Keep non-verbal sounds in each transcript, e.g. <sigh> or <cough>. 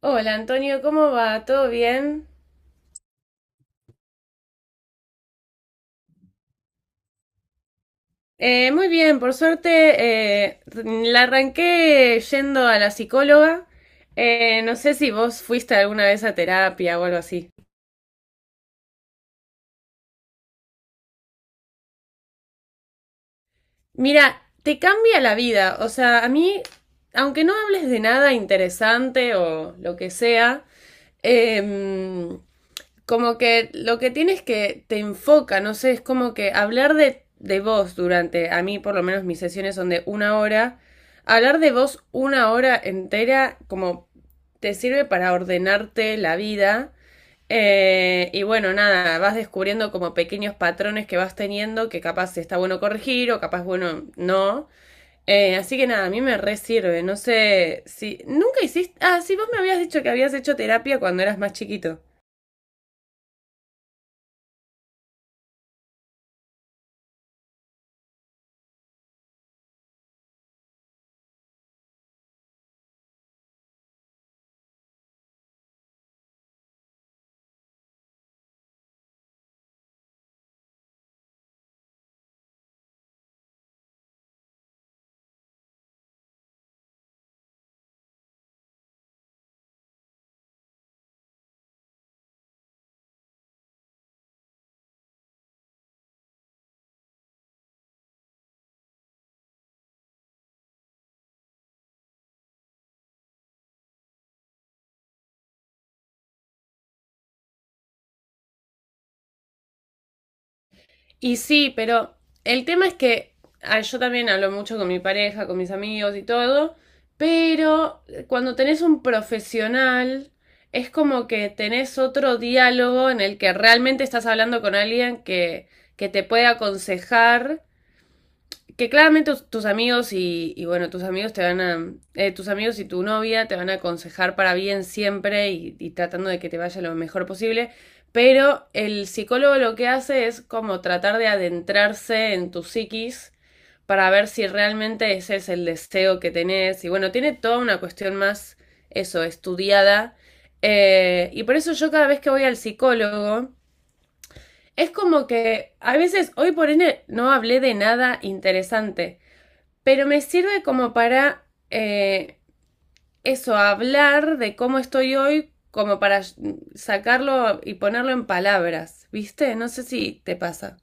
Hola Antonio, ¿cómo va? ¿Todo bien? Muy bien, por suerte, la arranqué yendo a la psicóloga. No sé si vos fuiste alguna vez a terapia o algo así. Mira, te cambia la vida. O sea, a mí, aunque no hables de nada interesante o lo que sea, em, como que lo que tienes es que te enfoca, no sé, es como que hablar de vos durante, a mí por lo menos mis sesiones son de una hora, hablar de vos una hora entera como te sirve para ordenarte la vida. Y bueno, nada, vas descubriendo como pequeños patrones que vas teniendo que capaz está bueno corregir o capaz bueno no. Así que nada, a mí me re sirve. No sé si. Nunca hiciste. Ah, sí, vos me habías dicho que habías hecho terapia cuando eras más chiquito. Y sí, pero el tema es que yo también hablo mucho con mi pareja, con mis amigos y todo, pero cuando tenés un profesional, es como que tenés otro diálogo en el que realmente estás hablando con alguien que te puede aconsejar, que claramente tus amigos y, bueno, tus amigos te van a, tus amigos y tu novia te van a aconsejar para bien siempre y, tratando de que te vaya lo mejor posible, pero el psicólogo lo que hace es como tratar de adentrarse en tu psiquis para ver si realmente ese es el deseo que tenés y bueno, tiene toda una cuestión más, eso, estudiada. Y por eso yo cada vez que voy al psicólogo es como que a veces hoy por ende no hablé de nada interesante, pero me sirve como para, eso, hablar de cómo estoy hoy, como para sacarlo y ponerlo en palabras, ¿viste? No sé si te pasa.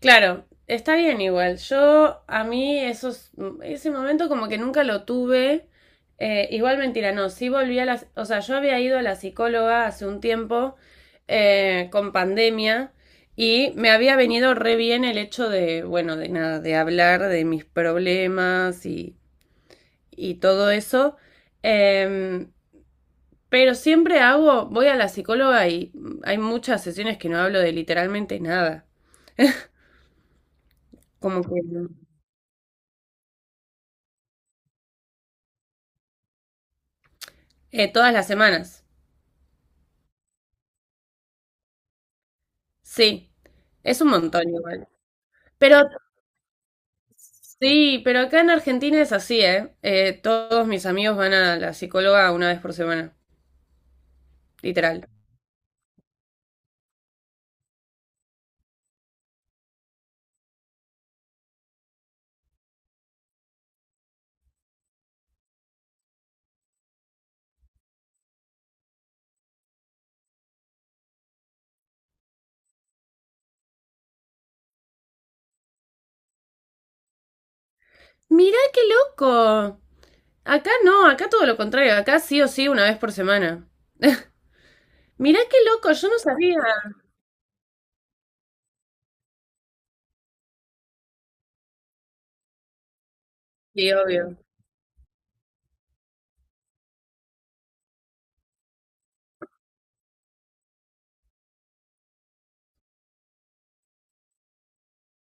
Claro, está bien igual. Yo a mí esos, ese momento como que nunca lo tuve. Igual mentira, no, sí volví a las, o sea, yo había ido a la psicóloga hace un tiempo, con pandemia, y me había venido re bien el hecho de, bueno, de nada, de hablar de mis problemas y todo eso. Em, pero siempre hago, voy a la psicóloga y hay muchas sesiones que no hablo de literalmente nada. Como que todas las semanas. Sí, es un montón igual. Pero sí, pero acá en Argentina es así, ¿eh? Todos mis amigos van a la psicóloga una vez por semana, literal. Mirá qué loco. Acá no, acá todo lo contrario, acá sí o sí una vez por semana. <laughs> Mirá qué loco, yo no sabía. Sí, obvio.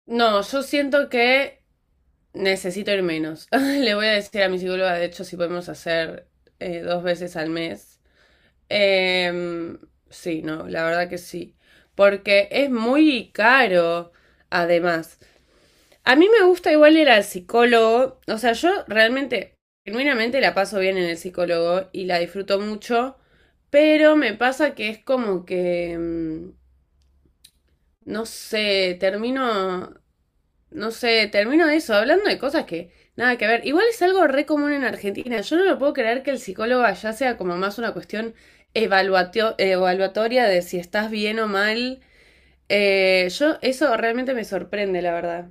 No, yo siento que necesito ir menos. <laughs> Le voy a decir a mi psicóloga, de hecho, si podemos hacer, dos veces al mes. Em, sí, no, la verdad que sí. Porque es muy caro, además. A mí me gusta igual ir al psicólogo. O sea, yo realmente, genuinamente la paso bien en el psicólogo y la disfruto mucho. Pero me pasa que es como que, no sé, termino. No sé, termino de eso, hablando de cosas que nada que ver. Igual es algo re común en Argentina. Yo no lo puedo creer que el psicólogo allá sea como más una cuestión evaluatoria de si estás bien o mal. Yo, eso realmente me sorprende, la verdad.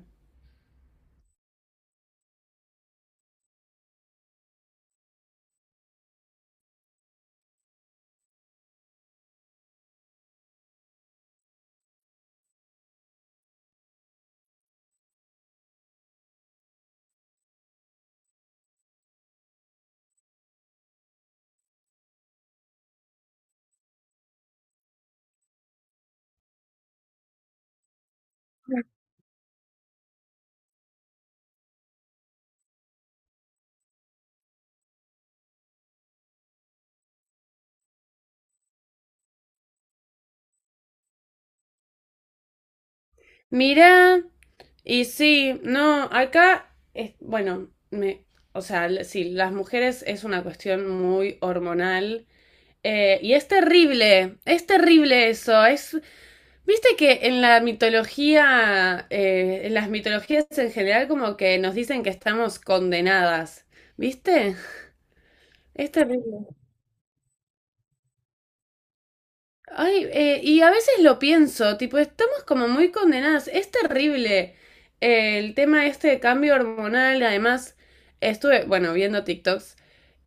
Mirá, y sí, no, acá es, bueno, me, o sea, sí, las mujeres es una cuestión muy hormonal. Y es terrible eso, es, viste que en la mitología, en las mitologías en general, como que nos dicen que estamos condenadas. ¿Viste? Es terrible. Ay, y a veces lo pienso, tipo, estamos como muy condenadas. Es terrible, el tema este de cambio hormonal. Además, estuve, bueno, viendo TikToks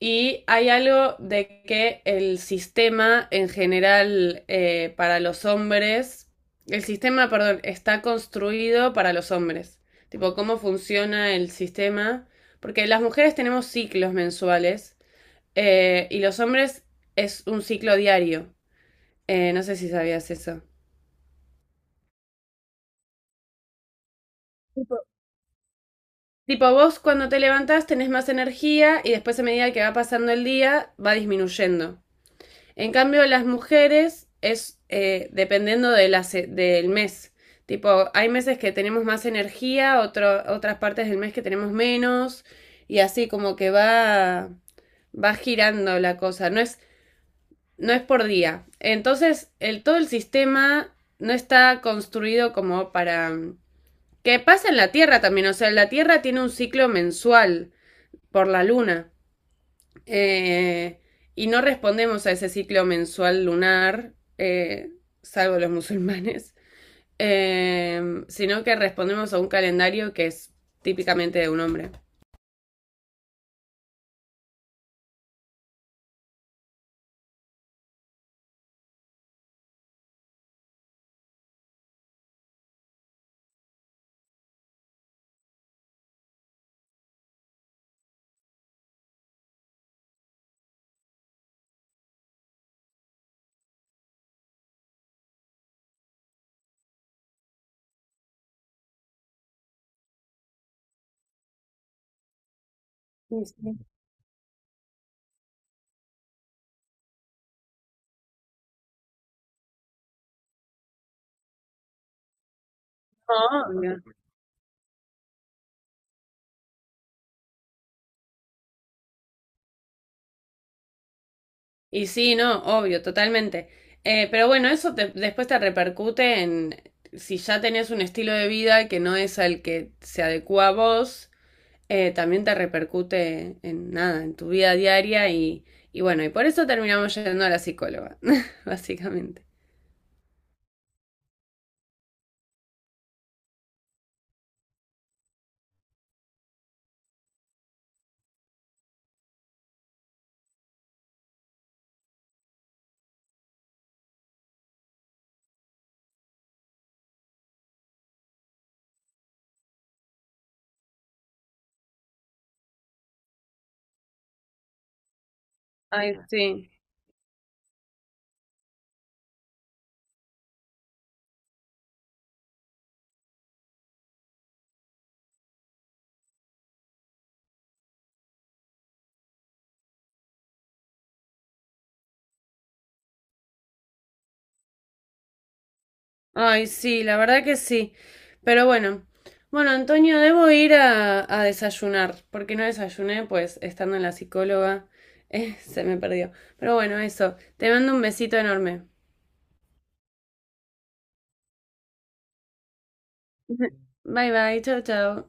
y hay algo de que el sistema en general, para los hombres, el sistema, perdón, está construido para los hombres. Tipo, cómo funciona el sistema. Porque las mujeres tenemos ciclos mensuales, y los hombres es un ciclo diario. No sé si sabías eso. Tipo, vos cuando te levantás tenés más energía y después a medida que va pasando el día va disminuyendo. En cambio, las mujeres es, dependiendo de del mes. Tipo, hay meses que tenemos más energía, otras partes del mes que tenemos menos y así como que va, va girando la cosa. No es, no es por día. Entonces, el, todo el sistema no está construido como para que pasa en la Tierra también, o sea, la Tierra tiene un ciclo mensual por la Luna. Eh, y no respondemos a ese ciclo mensual lunar, salvo los musulmanes, <laughs> sino que respondemos a un calendario que es típicamente de un hombre. Sí, sí. Obvio. Y sí, no, obvio, totalmente. Pero bueno, después te repercute en si ya tenés un estilo de vida que no es al que se adecua a vos, también te repercute en nada, en tu vida diaria y bueno, y por eso terminamos yendo a la psicóloga, <laughs> básicamente. Ay, sí, ay, sí, la verdad que sí. Pero bueno, bueno, Antonio, debo ir a desayunar, porque no desayuné, pues estando en la psicóloga, <laughs> se me perdió. Pero bueno, eso, te mando un besito enorme. <laughs> Bye bye, chao, chao.